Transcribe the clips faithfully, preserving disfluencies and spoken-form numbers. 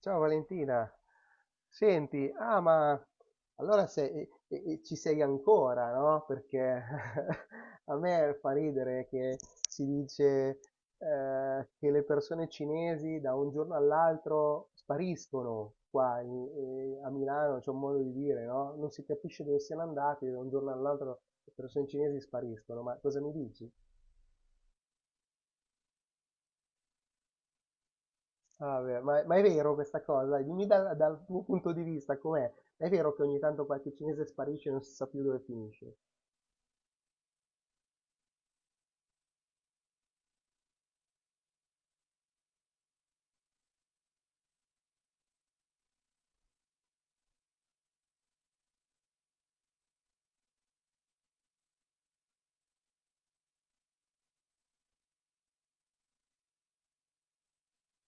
Ciao Valentina, senti, ah ma allora se- e- e- ci sei ancora, no? Perché a me fa ridere che si dice eh, che le persone cinesi da un giorno all'altro spariscono qua in- eh, a Milano, c'è un modo di dire, no? Non si capisce dove siano andati, da un giorno all'altro le persone cinesi spariscono, ma cosa mi dici? Ah, beh, ma, ma è vero questa cosa? Dimmi dal, dal tuo punto di vista com'è? È vero che ogni tanto qualche cinese sparisce e non si sa più dove finisce?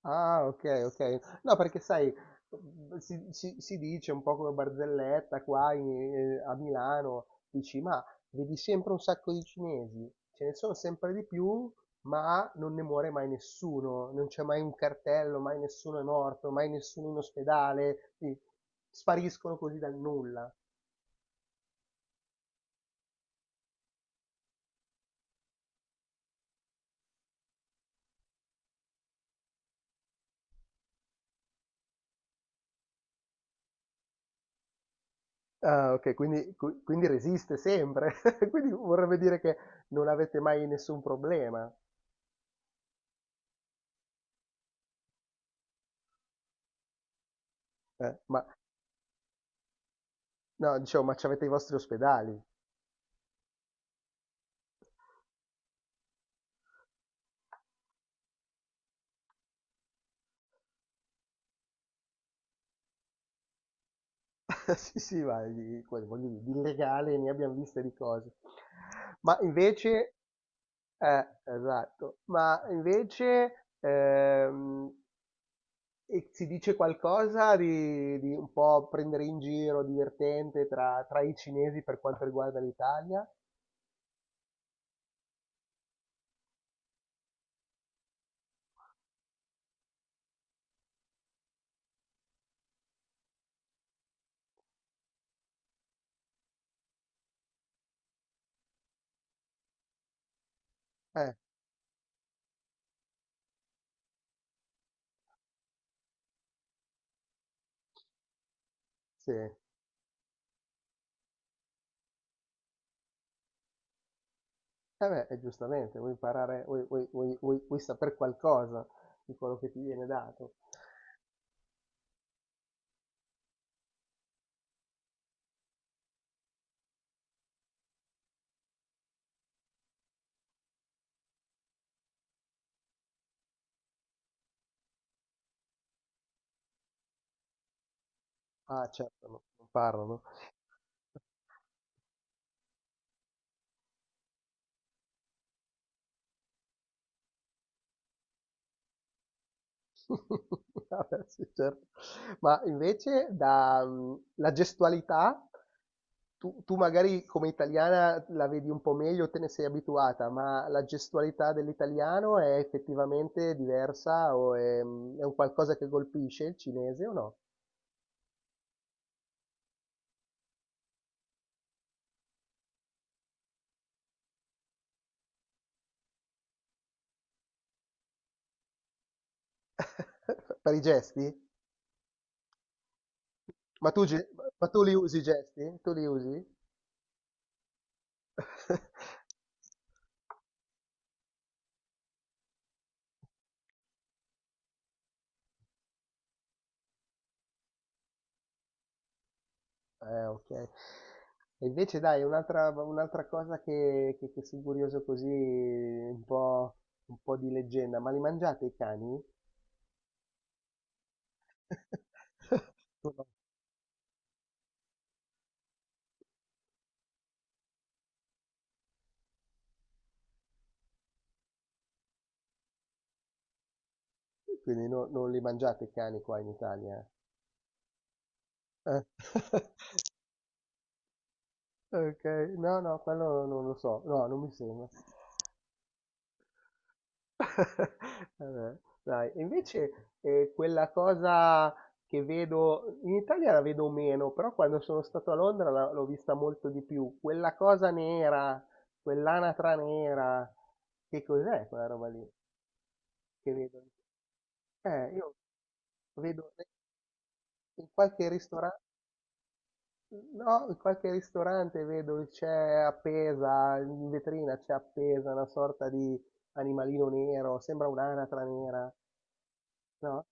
Ah, ok, ok. No, perché sai, mhmm, si, si- si dice un po' come barzelletta qua in- eh, a Milano, dici, ma vedi sempre un sacco di cinesi, ce ne sono sempre di più, ma non ne muore mai nessuno, non c'è mai un cartello, mai nessuno è morto, mai nessuno in ospedale, sì, spariscono così dal nulla. Ah, okay, quindi qui quindi resiste sempre, quindi vorrebbe dire che non avete mai nessun problema. Eh, ma no, dicevo, ma c'avete i vostri ospedali. Sì, sì, ma di quello voglio dire, di illegale ne abbiam viste di cose. Ma invece eh, esatto, ma invece, ehm, e si dice qualcosa di di un po' prendere in giro, divertente tra tra i cinesi per quanto riguarda l'Italia? Eh, sì. Eh beh, e giustamente, vuoi imparare, vuoi, vuoi, vuoi, vuoi, vuoi saper qualcosa di quello che ti viene dato. Ah, certo, no, non parlano. Vabbè, sì, certo. Ma invece da, mm, la gestualità, tu, tu magari come italiana la vedi un po' meglio, te ne sei abituata, ma la gestualità dell'italiano è effettivamente diversa o è, mm, è un qualcosa che colpisce il cinese o no? Per i gesti? Ma tu, ge- ma tu li usi i gesti? Tu li usi? Eh, okay. E invece dai, un'altra un'altra cosa che che che son curioso così, un po' un po' di leggenda, ma li mangiate i cani? Tu no. Quindi no, non li mangiate i cani qua in Italia? Eh. Okay, no, no, quello non lo so, no, non mi sembra. Vabbè, dai. E invece eh, quella cosa che vedo, in Italia la vedo meno, però quando sono stato a Londra la- l'ho vista molto di più. Quella cosa nera, quell'anatra nera, che cos'è quella roba lì che vedo? Eh, io vedo in qualche ristorante, no, in qualche ristorante vedo che c'è appesa, in vetrina c'è appesa una sorta di animalino nero, sembra un'anatra nera, no?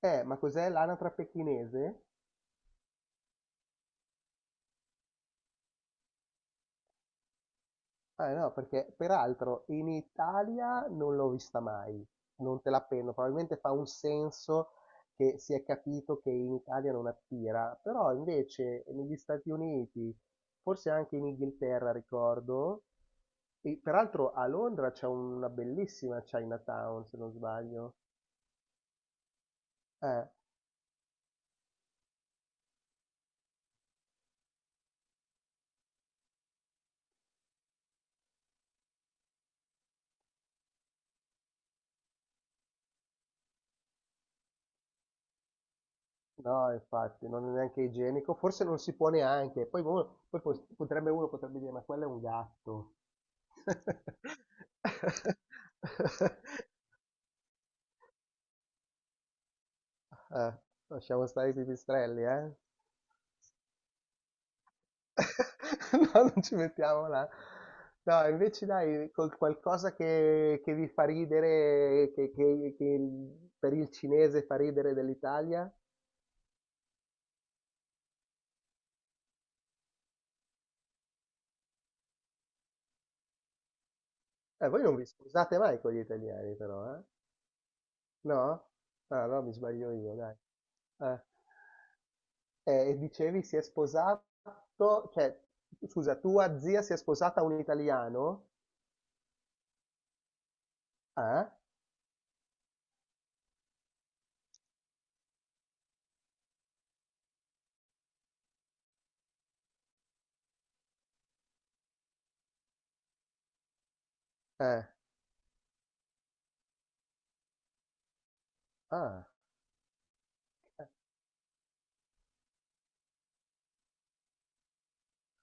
Eh, ma cos'è l'anatra pechinese? Ah no, perché peraltro in Italia non l'ho vista mai, non te la penno, probabilmente fa un senso che si è capito che in Italia non attira, però invece negli Stati Uniti, forse anche in Inghilterra ricordo, e peraltro a Londra c'è una bellissima Chinatown, se non sbaglio. Eh, no, infatti, non è neanche igienico, forse non si può neanche, poi, uno- poi pos- potrebbe uno potrebbe dire, ma quello è un gatto. Eh, lasciamo stare i pipistrelli, eh? No, non ci mettiamo là. No, invece dai, col qualcosa che, che vi fa ridere, che, che- che per il cinese fa ridere dell'Italia. Eh, voi non vi scusate mai con gli italiani, però, eh? No? Ah, no, mi sbaglio io, dai. Eh, eh, e dicevi si è sposato, cioè, scusa, tua zia si è sposata a un italiano? Eh? Eh. Ah.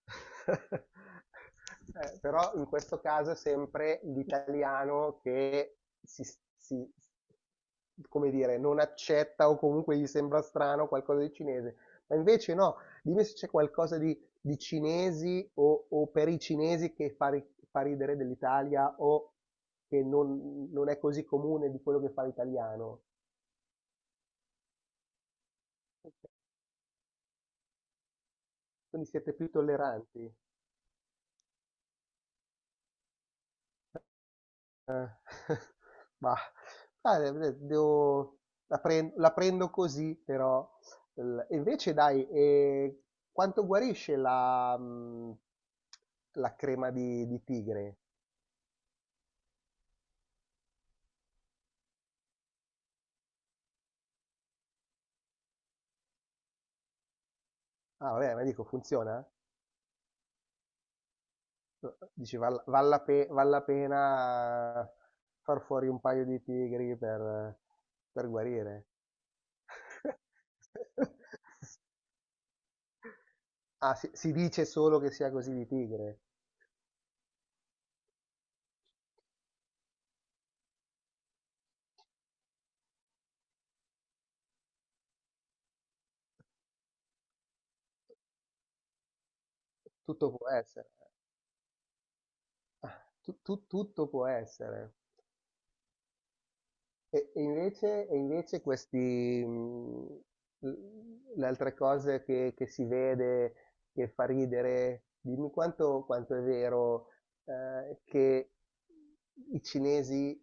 Eh, però in questo caso è sempre l'italiano che si, si- come dire, non accetta o comunque gli sembra strano qualcosa di cinese. Ma invece no, dimmi se c'è qualcosa di, di cinesi o, o per i cinesi che fa, ri- fa ridere dell'Italia o che non, non è così comune di quello che fa l'italiano. Quindi siete più tolleranti. Mah, eh, de devo la pren la prendo così però. L e invece dai, ehm, quanto guarisce la mhmm, la crema di di tigre? Ah vabbè, ma dico funziona? Dici val val la pe val la pena far fuori un paio di tigri per per guarire? Ah, si si dice solo che sia così di tigre. Tutto può essere. Tu- tu- tutto può essere. E, e invece, e invece questi, mh, l- le altre cose che, che si vede, che fa ridere, dimmi quanto, quanto è vero, eh, che i cinesi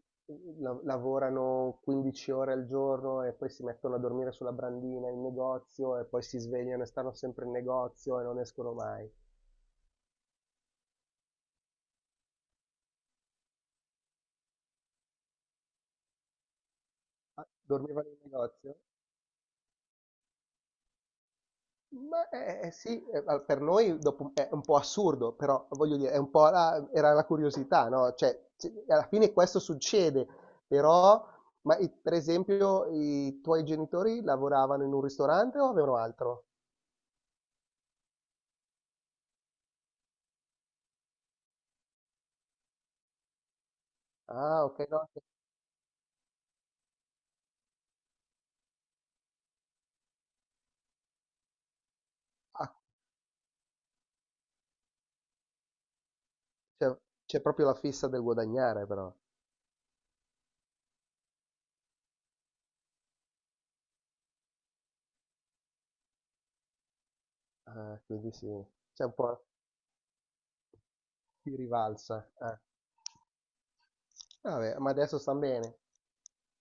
la- lavorano quindici ore al giorno e poi si mettono a dormire sulla brandina in negozio e poi si svegliano e stanno sempre in negozio e non escono mai. Ah, dormivano in negozio? Ma eh, eh, sì, eh, ma per noi dopo è un po' assurdo, però voglio dire, è un po' la, era la curiosità, no? Cioè, c- alla fine questo succede, però, ma i- per esempio, i tuoi genitori lavoravano in un ristorante o avevano altro? Ah, ok, no, ah, cioè, c'è proprio la fissa del guadagnare, però. Ah, quindi sì, c'è un po' di rivalsa. eh. Vabbè, ma adesso stan bene.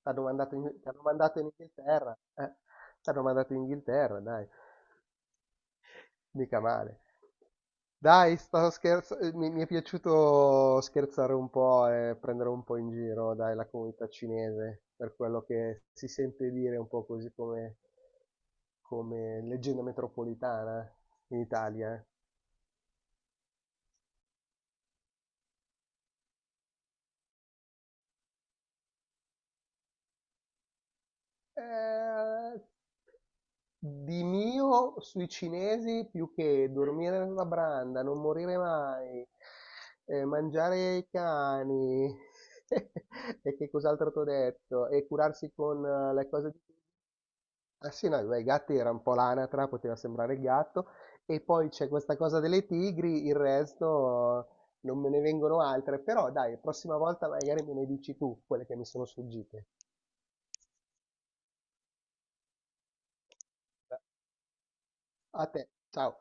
T'hanno mandato in, t'hanno mandato in Inghilterra. Eh, t'hanno mandato in Inghilterra, dai. Mica male. Dai, stavo scherzando. Mi, mi è piaciuto scherzare un po' e prendere un po' in giro, dai, la comunità cinese, per quello che si sente dire un po' così come, come leggenda metropolitana in Italia. Eh, Eh, Di mio sui cinesi più che dormire nella branda, non morire mai, ehm, mangiare i cani e che cos'altro t'ho detto? E curarsi con eh, le cose di... Ah sì, no, beh, i gatti era un po' l'anatra, poteva sembrare il gatto. E poi c'è questa cosa delle tigri, il resto eh, non me ne vengono altre. Però dai, prossima volta magari me ne dici tu quelle che mi sono sfuggite. A te, ciao.